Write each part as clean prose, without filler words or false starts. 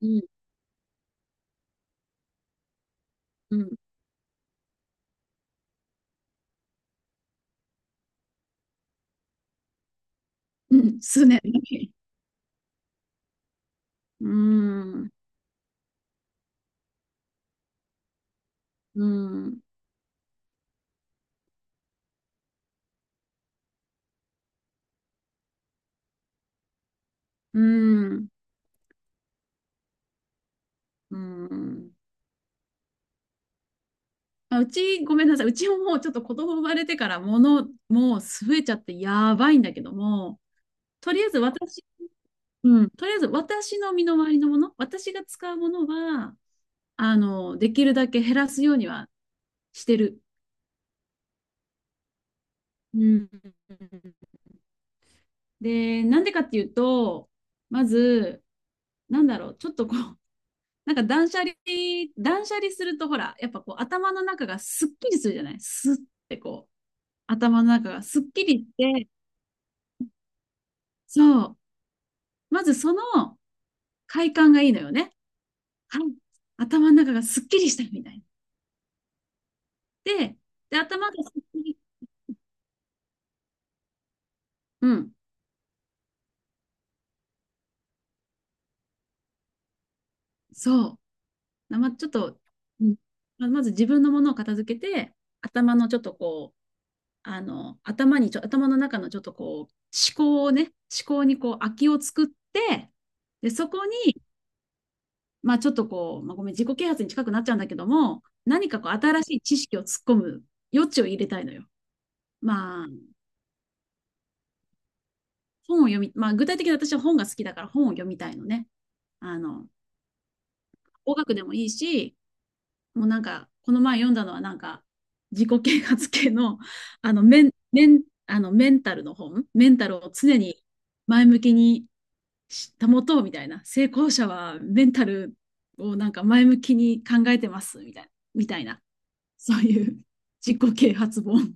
うん、うん、うん、数年。うん、うん、うん、うん。あ、うち、ごめんなさい。うちももうちょっと子供生まれてから物、もう増えちゃってやばいんだけども、とりあえず私、うん、とりあえず私の身の回りのもの、私が使うものは、できるだけ減らすようにはしてる。うん。で、なんでかっていうと、まず、なんだろう、ちょっとこう、なんか断捨離するとほら、やっぱこう頭の中がすっきりするじゃないスってこう、頭の中がすっきりして、そう。まずその快感がいいのよね。はい。頭の中がすっきりしたみたいな。で、で、頭がすっきり、うん、そう。ま、ちょっと、うんままず自分のものを片付けて、頭のちょっとこう、頭の中のちょっとこう、思考をね、思考にこう、空きを作って、で、そこまあちょっとこう、まあ、ごめん、自己啓発に近くなっちゃうんだけども、何かこう新しい知識を突っ込む余地を入れたいのよ。まあ、本を読み、まあ具体的に私は本が好きだから本を読みたいのね。あの、語学でもいいし、もうなんか、この前読んだのはなんか、自己啓発系の、メンタルの本、メンタルを常に前向きに保とうみたいな、成功者はメンタルをなんか前向きに考えてますみたいな、みたいな。そういう自己啓発本。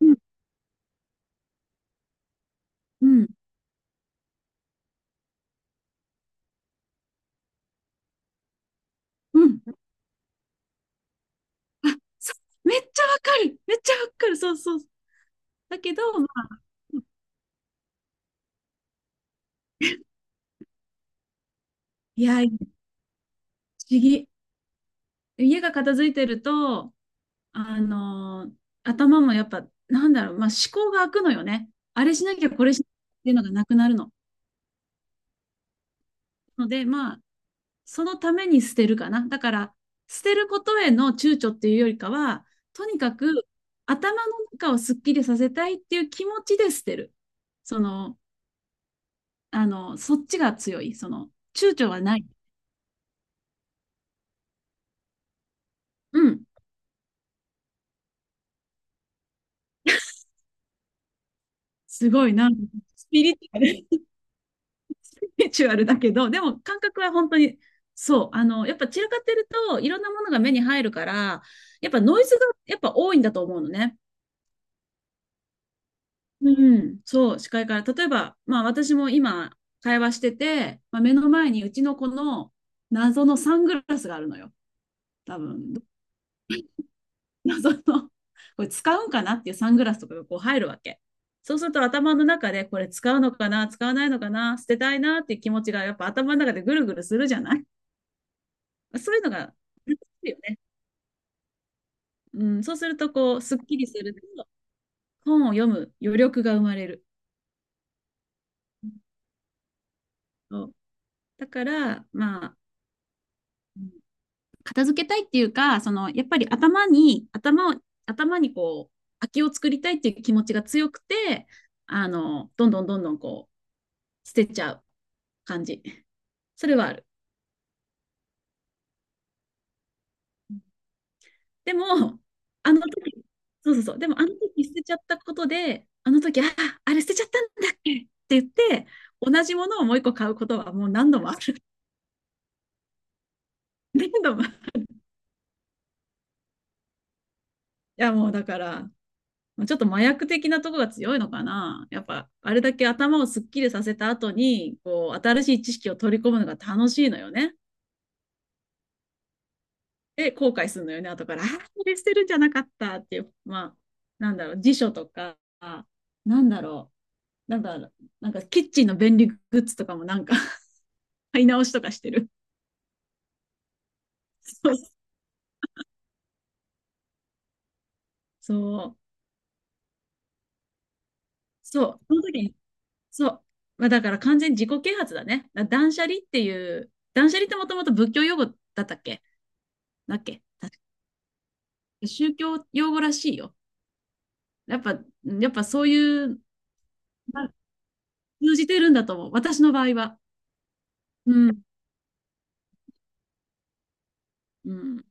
うん。うんうん。あ、そうめっちゃわかる。めっちゃわかる。そうそう。だけど、まあ、いや、不思議。家が片付いてると、あのー頭もやっぱ、なんだろう、まあ、思考が開くのよね。あれしなきゃこれしなきゃっていうのがなくなるの。ので、まあ、そのために捨てるかな。だから、捨てることへの躊躇っていうよりかは、とにかく頭の中をすっきりさせたいっていう気持ちで捨てる。その、そっちが強い。躊躇はない。うん。すごいな。スピリチュアルだけど、でも感覚は本当に、そう。やっぱ散らかってると、いろんなものが目に入るから、やっぱノイズがやっぱ多いんだと思うのね。うん。そう、視界から。例えば、まあ私も今、会話してて、まあ、目の前にうちの子の謎のサングラスがあるのよ。多分。謎の、これ使うんかなっていうサングラスとかがこう入るわけ。そうすると頭の中でこれ使うのかな、使わないのかな、捨てたいなっていう気持ちがやっぱ頭の中でぐるぐるするじゃない そういうのが楽しいよね。うん、そうするとこう、すっきりすると、本を読む余力が生まれる。そうだから、まあ、うん片付けたいっていうか、その、やっぱり頭にこう、空きを作りたいっていう気持ちが強くて、どんどんどんどんこう、捨てちゃう。感じ。それはある。でも、あの時、そうそうそう、でもあの時捨てちゃったことで、あの時、あ、あれ捨てちゃったんだっけって言って、同じものをもう一個買うことはもう何度もある。何度も。いや、もうだから、ちょっと麻薬的なとこが強いのかな。やっぱ、あれだけ頭をすっきりさせた後に、こう、新しい知識を取り込むのが楽しいのよね。で、後悔するのよね、後から。ああ、これ捨てるんじゃなかったっていう、まあ、なんだろう、辞書とか、なんだろう、なんだろう、なんかキッチンの便利グッズとかもなんか買い直しとかしてる。そう、そう、そう、その時に、そう、まあ、だから完全に自己啓発だね。断捨離っていう、断捨離ってもともと仏教用語だったっけ確か宗教用語らしいよ。やっぱそういう、まあ通じてるんだと思う。私の場合は。うん。うん。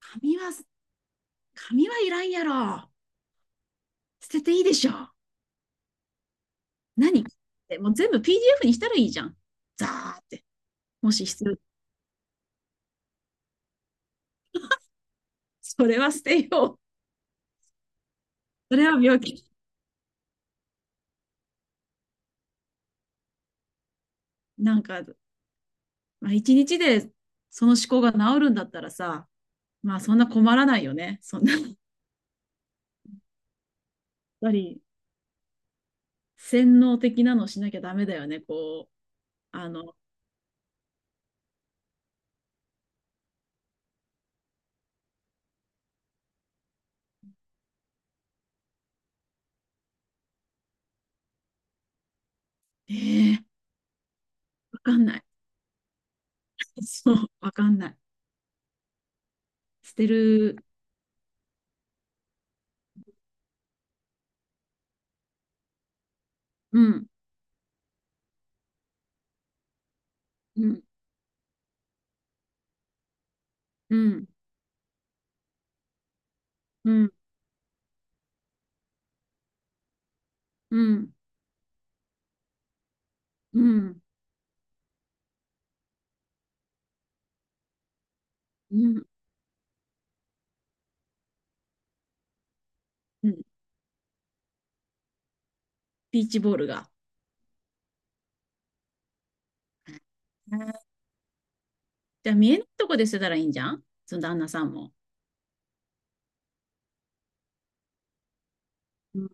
紙は、紙はいらんやろ。捨てていいでしょ。何ってもう全部 PDF にしたらいいじゃん。ザーって。もし必要、それは捨てよう。それは病気。なんか、まあ、一日でその思考が治るんだったらさ、まあそんな困らないよね。そんな、やっぱり洗脳的なのしなきゃダメだよね。あの、えー、わかんない。そう、わかんない。捨てる。うん、うん、うん、うん、うん、うん、うん、うん。ビーチボールが。じゃあ見えないとこで捨てたらいいんじゃんその旦那さんも。うん、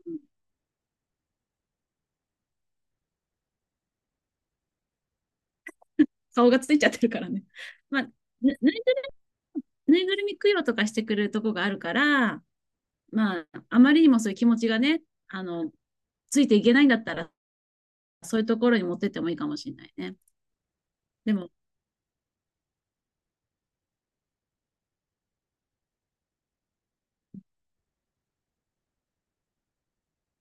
顔がついちゃってるからね。まあ、な、なぬいぐるみ供養とかしてくれるとこがあるから、まあ、あまりにもそういう気持ちがね、あの、ついていけないんだったら、そういうところに持ってってもいいかもしれないね。でも、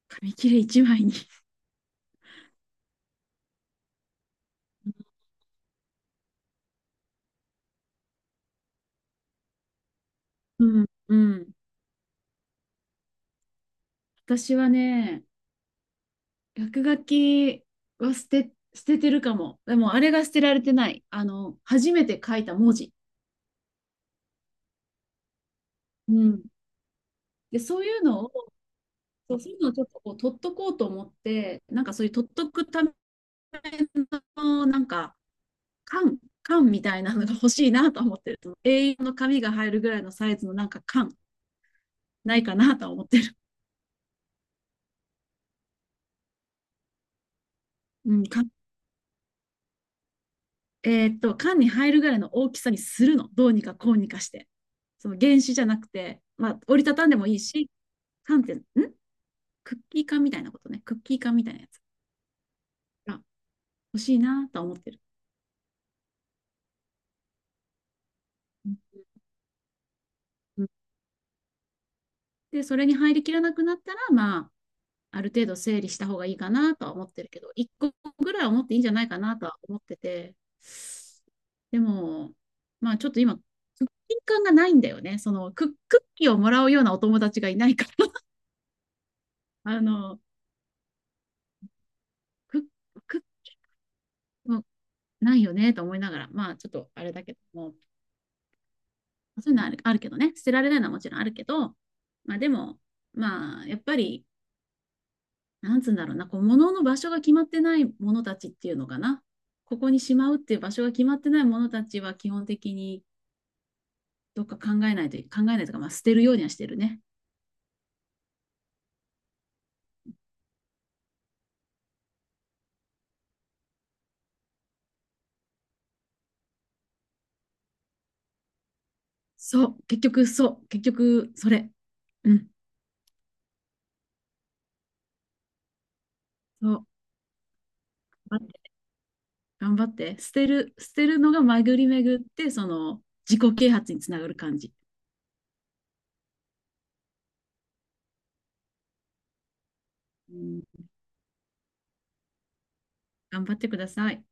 紙切れ一枚に。うん、うん。私はね、落書きは捨ててるかも。でも、あれが捨てられてない。あの、初めて書いた文字。うん。で、そういうのを、そうそういうのをちょっとこう取っとこうと思って、なんかそういう取っとくための、なんか、缶、缶みたいなのが欲しいなと思ってると、栄養の紙が入るぐらいのサイズのなんか缶、ないかなと思ってる。うん、缶えーっと、缶に入るぐらいの大きさにするの。どうにかこうにかして。その原子じゃなくて、まあ、折りたたんでもいいし、缶って、んクッキー缶みたいなことね。クッキー缶みたいなやつが欲しいなと思ってる。うんで、それに入りきらなくなったら、まあ、ある程度整理した方がいいかなとは思ってるけど、1個ぐらいは持っていいんじゃないかなとは思ってて、でも、まあちょっと今、クッキー感がないんだよね。クッキーをもらうようなお友達がいないから クッ、クッもないよねと思いながら、まあちょっとあれだけども、そういうのあるけどね、捨てられないのはもちろんあるけど、まあでも、まあやっぱり、なんつうんだろうな、こう、物の場所が決まってないものたちっていうのかな。ここにしまうっていう場所が決まってないものたちは基本的にどっか考えないとか、まあ、捨てるようにはしてるね。そう、結局、そう、結局、それ。うん、そう、頑張って、捨てるのが巡り巡って、その自己啓発につながる感じ。うん、頑張ってください。